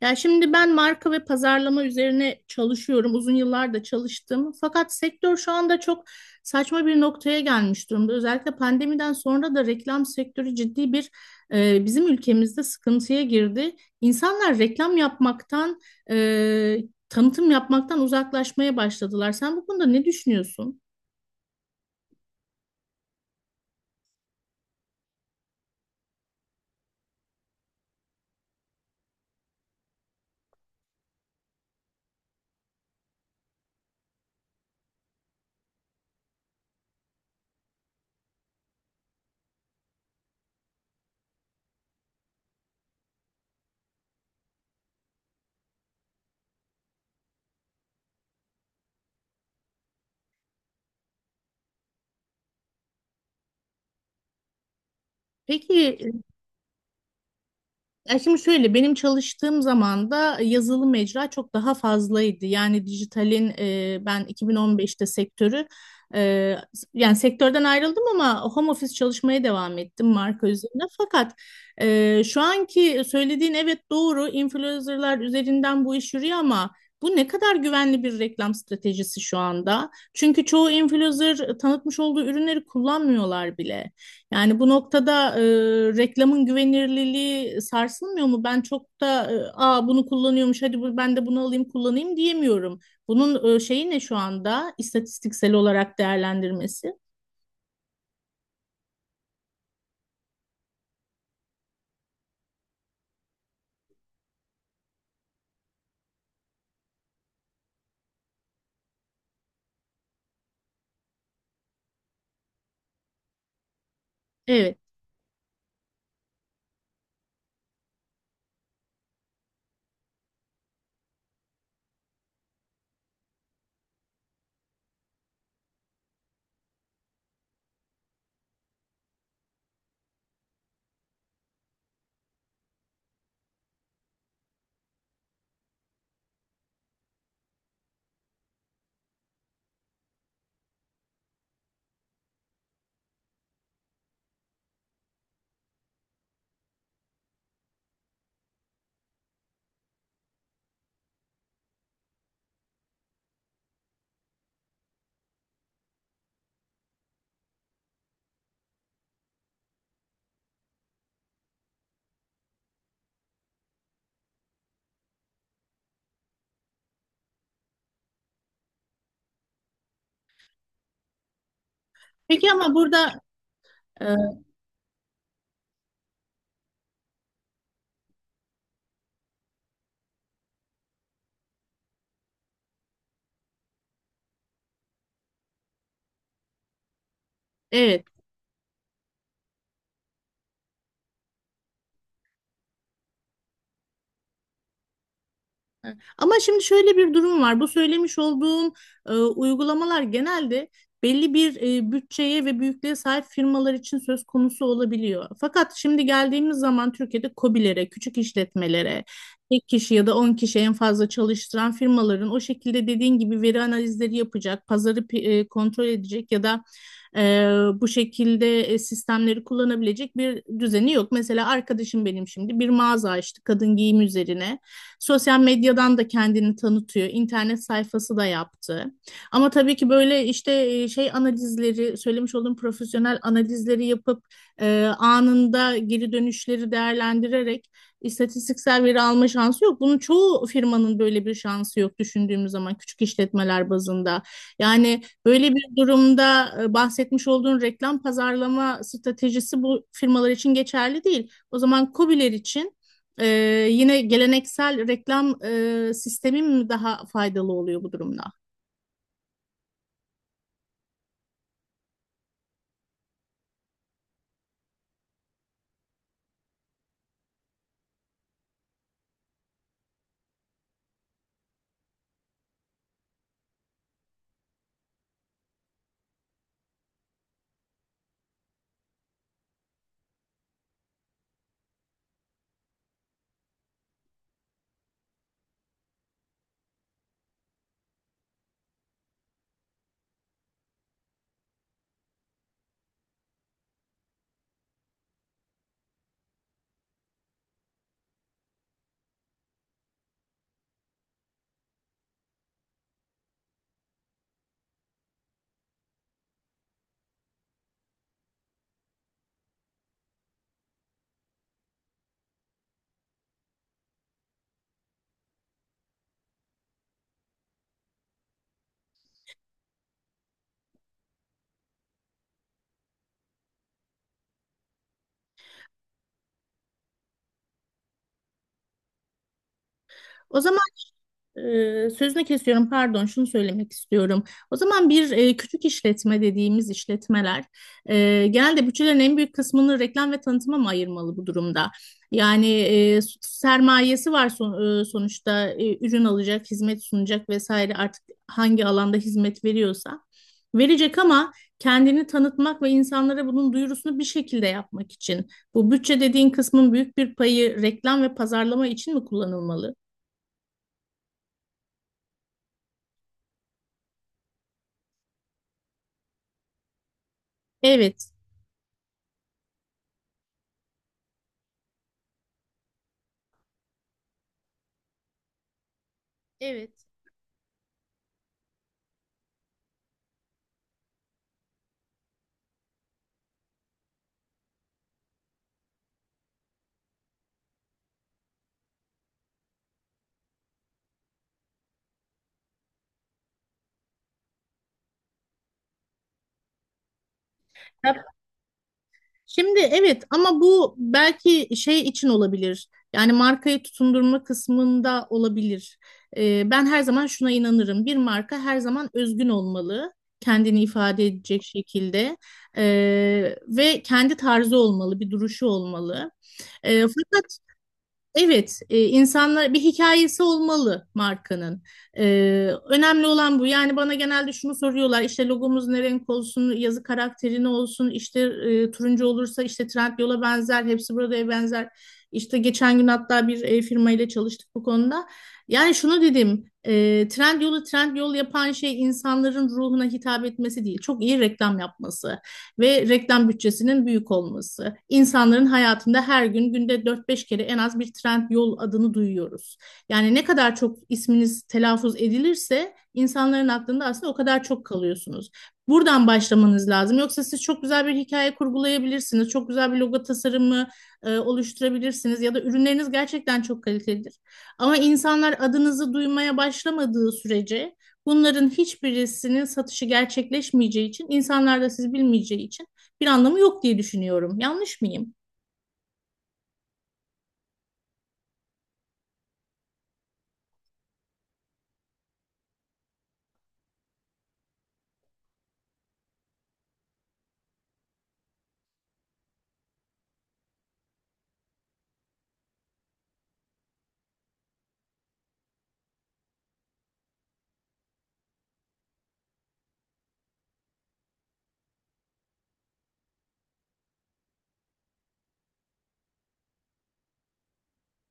Ya şimdi ben marka ve pazarlama üzerine çalışıyorum. Uzun yıllar da çalıştım. Fakat sektör şu anda çok saçma bir noktaya gelmiş durumda. Özellikle pandemiden sonra da reklam sektörü ciddi bir bizim ülkemizde sıkıntıya girdi. İnsanlar reklam yapmaktan, e, tanıtım yapmaktan uzaklaşmaya başladılar. Sen bu konuda ne düşünüyorsun? Peki. Ya şimdi şöyle, benim çalıştığım zaman da yazılı mecra çok daha fazlaydı. Yani dijitalin ben 2015'te sektörü e, yani sektörden ayrıldım ama home office çalışmaya devam ettim marka üzerinde. Fakat şu anki söylediğin evet doğru, influencerlar üzerinden bu iş yürüyor ama bu ne kadar güvenli bir reklam stratejisi şu anda? Çünkü çoğu influencer tanıtmış olduğu ürünleri kullanmıyorlar bile. Yani bu noktada reklamın güvenirliliği sarsılmıyor mu? Ben çok da Aa, bunu kullanıyormuş, hadi bu, ben de bunu alayım kullanayım diyemiyorum. Bunun şeyi ne şu anda istatistiksel olarak değerlendirmesi? Evet. Peki ama burada e, evet. Evet. Ama şimdi şöyle bir durum var. Bu söylemiş olduğun uygulamalar genelde belli bir bütçeye ve büyüklüğe sahip firmalar için söz konusu olabiliyor. Fakat şimdi geldiğimiz zaman Türkiye'de KOBİ'lere, küçük işletmelere, tek kişi ya da 10 kişi en fazla çalıştıran firmaların o şekilde dediğin gibi veri analizleri yapacak, kontrol edecek ya da ee, bu şekilde sistemleri kullanabilecek bir düzeni yok. Mesela arkadaşım benim şimdi bir mağaza açtı kadın giyim üzerine. Sosyal medyadan da kendini tanıtıyor. İnternet sayfası da yaptı. Ama tabii ki böyle işte şey analizleri, söylemiş olduğum profesyonel analizleri yapıp anında geri dönüşleri değerlendirerek istatistiksel veri alma şansı yok. Bunun çoğu firmanın böyle bir şansı yok, düşündüğümüz zaman küçük işletmeler bazında. Yani böyle bir durumda bahsetmiş olduğun reklam pazarlama stratejisi bu firmalar için geçerli değil. O zaman KOBİ'ler için e, yine geleneksel reklam sistemi mi daha faydalı oluyor bu durumda? O zaman sözünü kesiyorum, pardon, şunu söylemek istiyorum. O zaman bir küçük işletme dediğimiz işletmeler genelde bütçelerin en büyük kısmını reklam ve tanıtıma mı ayırmalı bu durumda? Yani sermayesi var, sonuçta ürün alacak, hizmet sunacak vesaire, artık hangi alanda hizmet veriyorsa verecek, ama kendini tanıtmak ve insanlara bunun duyurusunu bir şekilde yapmak için bu bütçe dediğin kısmın büyük bir payı reklam ve pazarlama için mi kullanılmalı? Evet. Evet. Ya şimdi evet, ama bu belki şey için olabilir. Yani markayı tutundurma kısmında olabilir. Ben her zaman şuna inanırım. Bir marka her zaman özgün olmalı. Kendini ifade edecek şekilde. Ve kendi tarzı olmalı, bir duruşu olmalı. Ee, Evet, insanlar bir hikayesi olmalı markanın. E, önemli olan bu. Yani bana genelde şunu soruyorlar. İşte logomuz ne renk olsun, yazı karakteri ne olsun, işte turuncu olursa işte Trendyol'a benzer, hepsi burada'ya benzer. İşte geçen gün hatta bir firma ile çalıştık bu konuda. Yani şunu dedim, Trendyol'u Trendyol yapan şey insanların ruhuna hitap etmesi değil, çok iyi reklam yapması ve reklam bütçesinin büyük olması. İnsanların hayatında her gün, günde 4 5 kere en az bir Trendyol adını duyuyoruz. Yani ne kadar çok isminiz telaffuz edilirse insanların aklında aslında o kadar çok kalıyorsunuz. Buradan başlamanız lazım. Yoksa siz çok güzel bir hikaye kurgulayabilirsiniz. Çok güzel bir logo tasarımı oluşturabilirsiniz ya da ürünleriniz gerçekten çok kalitelidir. Ama insanlar adınızı duymaya başlamadığı sürece, bunların hiçbirisinin satışı gerçekleşmeyeceği için, insanlar da siz bilmeyeceği için bir anlamı yok diye düşünüyorum. Yanlış mıyım?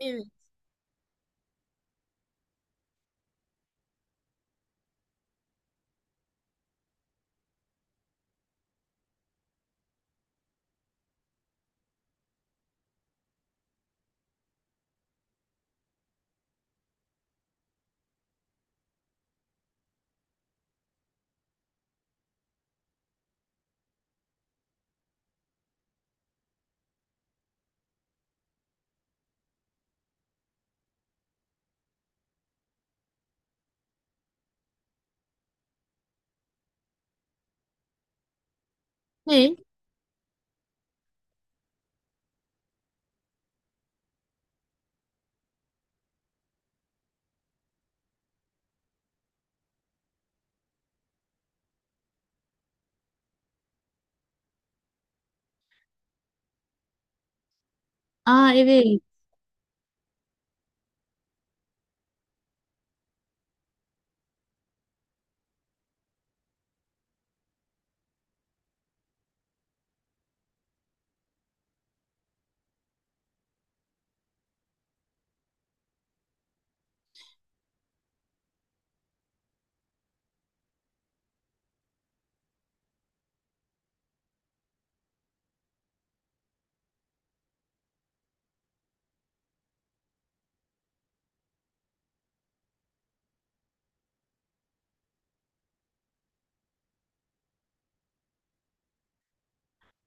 Evet. Ne? Aa, evet.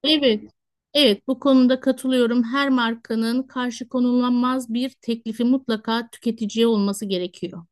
Evet. Evet, bu konuda katılıyorum. Her markanın karşı konulamaz bir teklifi mutlaka tüketiciye olması gerekiyor.